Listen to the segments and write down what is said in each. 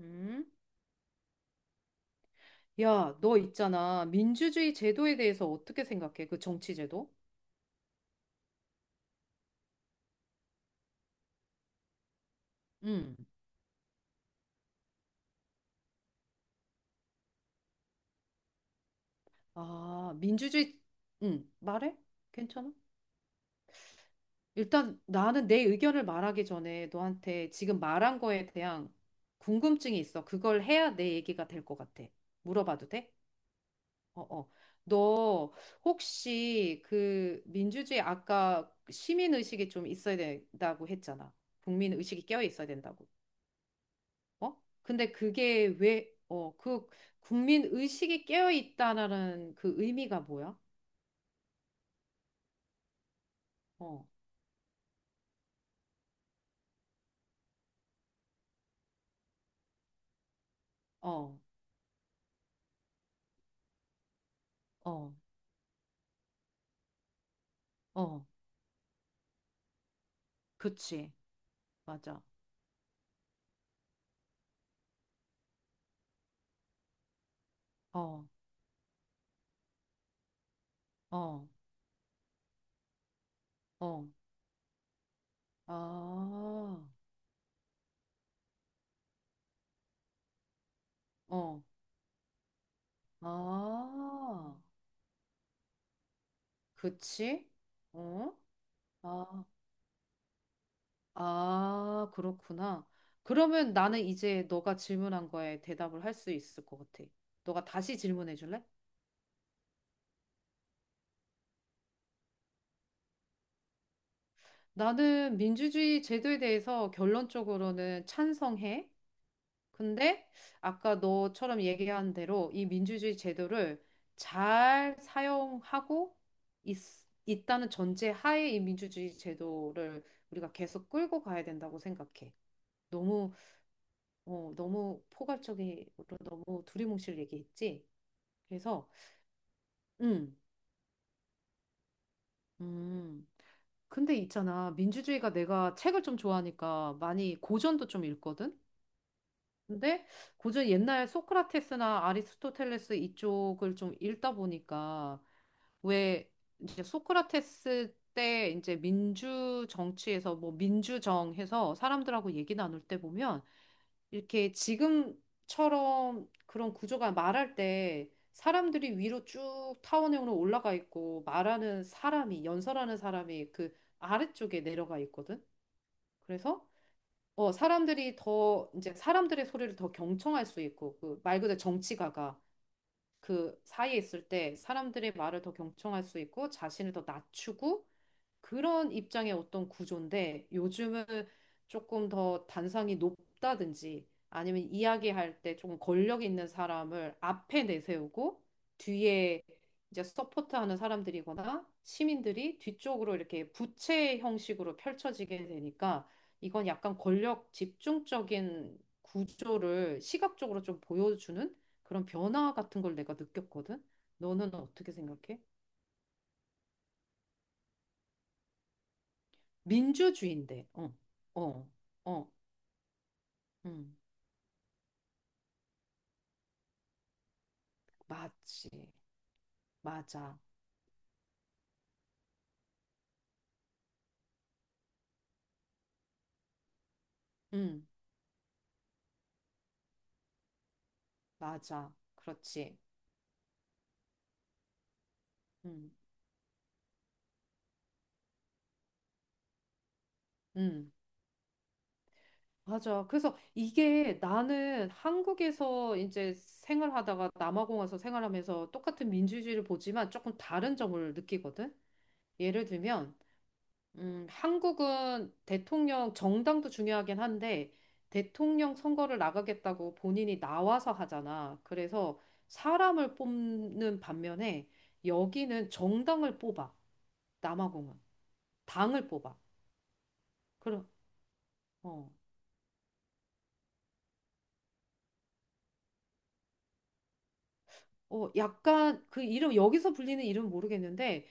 음? 야, 너 있잖아. 민주주의 제도에 대해서 어떻게 생각해? 그 정치 제도? 응, 아, 민주주의, 응, 말해? 괜찮아? 일단 나는 내 의견을 말하기 전에 너한테 지금 말한 거에 대한 궁금증이 있어. 그걸 해야 내 얘기가 될 것 같아. 물어봐도 돼? 어, 어. 너 혹시 그 민주주의 아까 시민의식이 좀 있어야 된다고 했잖아. 국민의식이 깨어 있어야 된다고. 어? 근데 그게 왜, 그 국민 의식이 깨어 있다라는 그 의미가 뭐야? 어, 어, 어, 어, 그치. 맞아. 어, 어, 어, 아, 어, 아, 그치? 어? 아, 아, 그렇구나. 그러면 나는 이제 너가 질문한 거에 대답을 할 수 있을 것 같아. 너가 다시 질문해 줄래? 나는 민주주의 제도에 대해서 결론적으로는 찬성해. 근데 아까 너처럼 얘기한 대로 이 민주주의 제도를 잘 사용하고 있, 있다는 전제 하에 이 민주주의 제도를 우리가 계속 끌고 가야 된다고 생각해. 너무, 너무 포괄적으로 너무 두리뭉실 얘기했지. 그래서, 음, 음. 근데 있잖아. 민주주의가 내가 책을 좀 좋아하니까 많이 고전도 좀 읽거든? 근데 고전 옛날 소크라테스나 아리스토텔레스 이쪽을 좀 읽다 보니까 왜 이제 소크라테스 때 이제 민주 정치에서 뭐 민주정 해서 사람들하고 얘기 나눌 때 보면 이렇게 지금처럼 그런 구조가 말할 때 사람들이 위로 쭉 타원형으로 올라가 있고 말하는 사람이 연설하는 사람이 그 아래쪽에 내려가 있거든. 그래서 이제 사람들의 소리를 더 경청할 수 있고, 그 말 그대로 정치가가 그 사이에 있을 때 사람들의 말을 더 경청할 수 있고, 자신을 더 낮추고, 그런 입장의 어떤 구조인데 요즘은 조금 더 단상이 높다든지 아니면 이야기할 때 조금 권력 있는 사람을 앞에 내세우고 뒤에 이제 서포트하는 사람들이거나 시민들이 뒤쪽으로 이렇게 부채 형식으로 펼쳐지게 되니까 이건 약간 권력 집중적인 구조를 시각적으로 좀 보여주는 그런 변화 같은 걸 내가 느꼈거든. 너는 어떻게 생각해? 민주주의인데, 어, 어. 어. 음, 맞지. 맞아. 음, 맞아. 그렇지. 음, 음, 맞아. 그래서 이게 나는 한국에서 이제 생활하다가 남아공 와서 생활하면서 똑같은 민주주의를 보지만 조금 다른 점을 느끼거든. 예를 들면, 한국은 대통령 정당도 중요하긴 한데 대통령 선거를 나가겠다고 본인이 나와서 하잖아. 그래서 사람을 뽑는 반면에 여기는 정당을 뽑아. 남아공은 당을 뽑아. 그럼 어, 어 약간 그 이름 여기서 불리는 이름 모르겠는데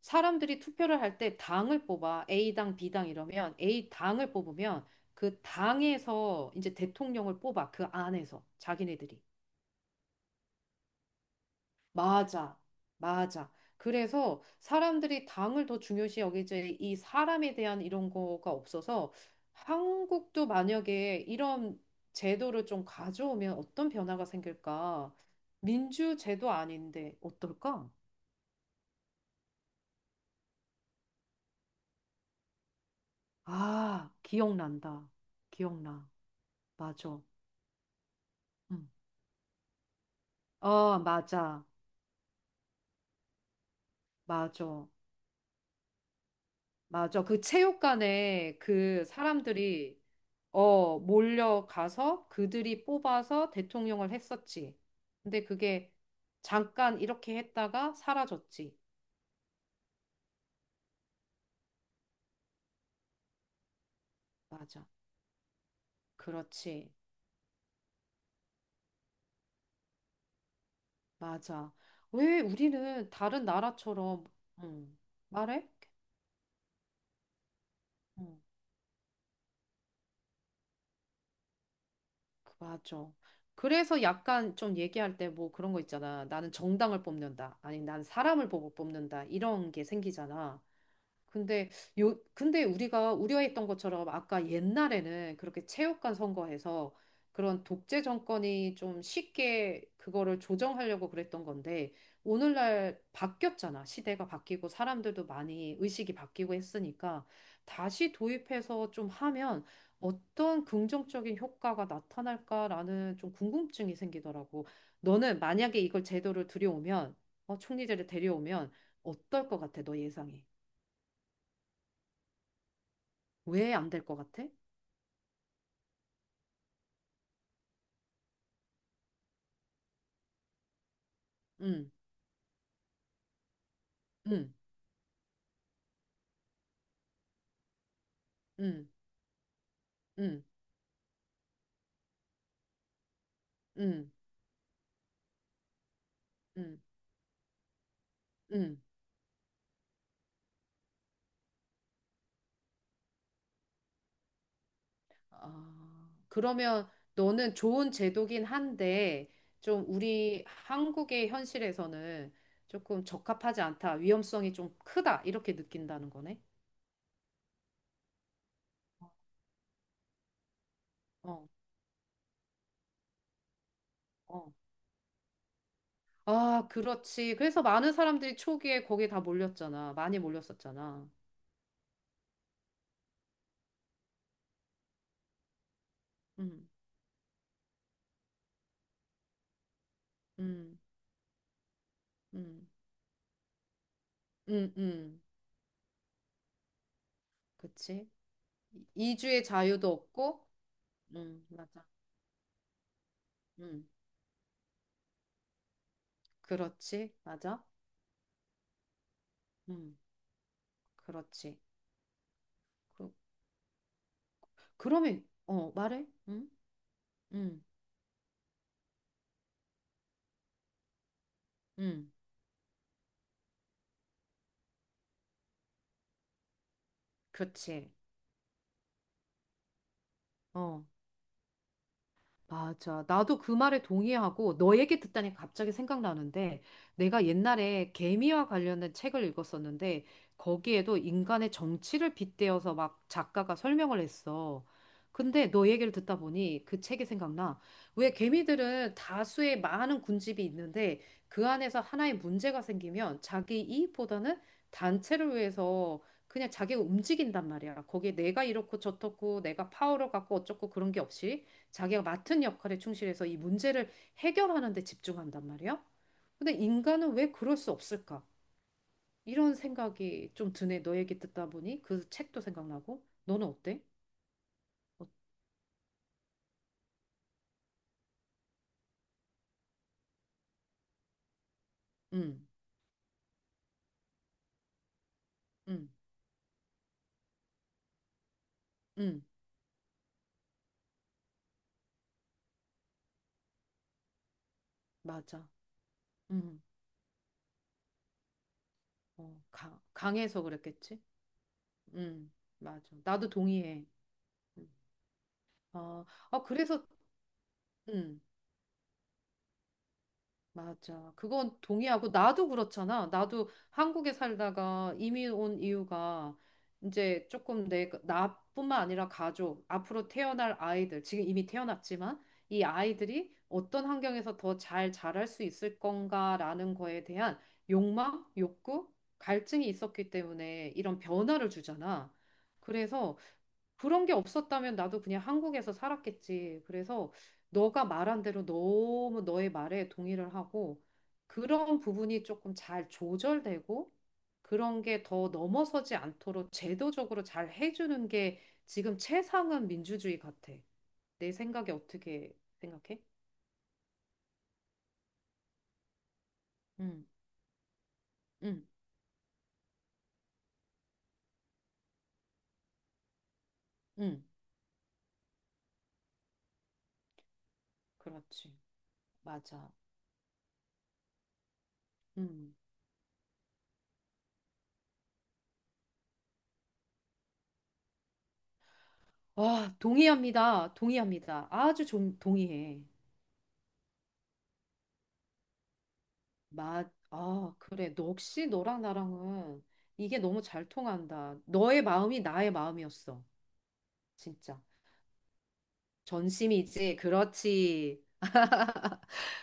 사람들이 투표를 할 때 당을 뽑아 A당, B당 이러면 A당을 뽑으면 그 당에서 이제 대통령을 뽑아 그 안에서 자기네들이. 맞아, 맞아. 그래서 사람들이 당을 더 중요시 여기지 이 사람에 대한 이런 거가 없어서 한국도 만약에 이런 제도를 좀 가져오면 어떤 변화가 생길까? 민주 제도 아닌데 어떨까? 아, 기억난다. 기억나. 맞아. 응. 어, 맞아. 맞아. 맞아. 그 체육관에 그 사람들이 어, 몰려가서 그들이 뽑아서 대통령을 했었지. 근데 그게 잠깐 이렇게 했다가 사라졌지. 맞아. 그렇지. 맞아. 왜 우리는 다른 나라처럼, 음, 말해? 음, 맞아. 그래서 약간 좀 얘기할 때 뭐 그런 거 있잖아. 나는 정당을 뽑는다. 아니, 난 사람을 보고 뽑는다. 이런 게 생기잖아. 근데 요 근데 우리가 우려했던 것처럼 아까 옛날에는 그렇게 체육관 선거에서 그런 독재 정권이 좀 쉽게 그거를 조정하려고 그랬던 건데 오늘날 바뀌었잖아. 시대가 바뀌고 사람들도 많이 의식이 바뀌고 했으니까 다시 도입해서 좀 하면 어떤 긍정적인 효과가 나타날까라는 좀 궁금증이 생기더라고. 너는 만약에 이걸 제도를 들여오면 어, 총리제를 데려오면 어떨 것 같아? 너 예상이? 왜 안될 것 같아? 응, 응, 응, 응, 응, 응, 응. 아, 그러면 너는 좋은 제도긴 한데, 좀 우리 한국의 현실에서는 조금 적합하지 않다, 위험성이 좀 크다, 이렇게 느낀다는 거네? 어, 어. 아, 그렇지. 그래서 많은 사람들이 초기에 거기에 다 몰렸잖아. 많이 몰렸었잖아. 음, 음, 음, 음, 음. 그치? 이주의 자유도 없고, 맞아. 음. 그렇지. 맞아. 음, 그렇지. 그, 그러면, 어, 말해? 응? 응, 응. 그렇지. 어, 맞아. 나도 그 말에 동의하고 너 얘기 듣다니 갑자기 생각나는데 내가 옛날에 개미와 관련된 책을 읽었었는데 거기에도 인간의 정치를 빗대어서 막 작가가 설명을 했어. 근데 너 얘기를 듣다 보니 그 책이 생각나. 왜 개미들은 다수의 많은 군집이 있는데 그 안에서 하나의 문제가 생기면 자기 이익보다는 단체를 위해서 그냥 자기가 움직인단 말이야. 거기에 내가 이렇고 저렇고 내가 파워를 갖고 어쩌고 그런 게 없이. 자기가 맡은 역할에 충실해서 이 문제를 해결하는 데 집중한단 말이야. 근데 인간은 왜 그럴 수 없을까? 이런 생각이 좀 드네. 너 얘기 듣다 보니 그 책도 생각나고. 너는 어때? 어, 음, 음, 음, 맞아. 음, 강해서 그랬겠지? 음, 맞아. 나도 동의해. 음. 어, 아, 그래서, 응. 맞아. 그건 동의하고 나도 그렇잖아. 나도 한국에 살다가 이민 온 이유가 이제 조금 내 그 나뿐만 아니라 가족, 앞으로 태어날 아이들, 지금 이미 태어났지만 이 아이들이 어떤 환경에서 더 잘 자랄 수 있을 건가라는 거에 대한 욕망, 욕구, 갈증이 있었기 때문에 이런 변화를 주잖아. 그래서 그런 게 없었다면 나도 그냥 한국에서 살았겠지. 그래서 너가 말한 대로 너무 너의 말에 동의를 하고 그런 부분이 조금 잘 조절되고 그런 게 더 넘어서지 않도록 제도적으로 잘 해주는 게 지금 최상은 민주주의 같아. 내 생각에 어떻게 생각해? 응, 응, 응. 그렇지. 맞아. 음. 와, 동의합니다. 동의합니다. 아주 좀 동의해. 아, 그래. 너 역시 너랑 나랑은 이게 너무 잘 통한다. 너의 마음이 나의 마음이었어. 진짜. 전심이지. 그렇지.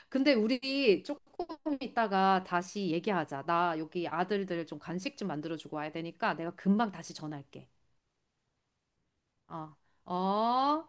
근데 우리 조금 있다가 다시 얘기하자. 나 여기 아들들 좀 간식 좀 만들어주고 와야 되니까 내가 금방 다시 전화할게. 어, 어.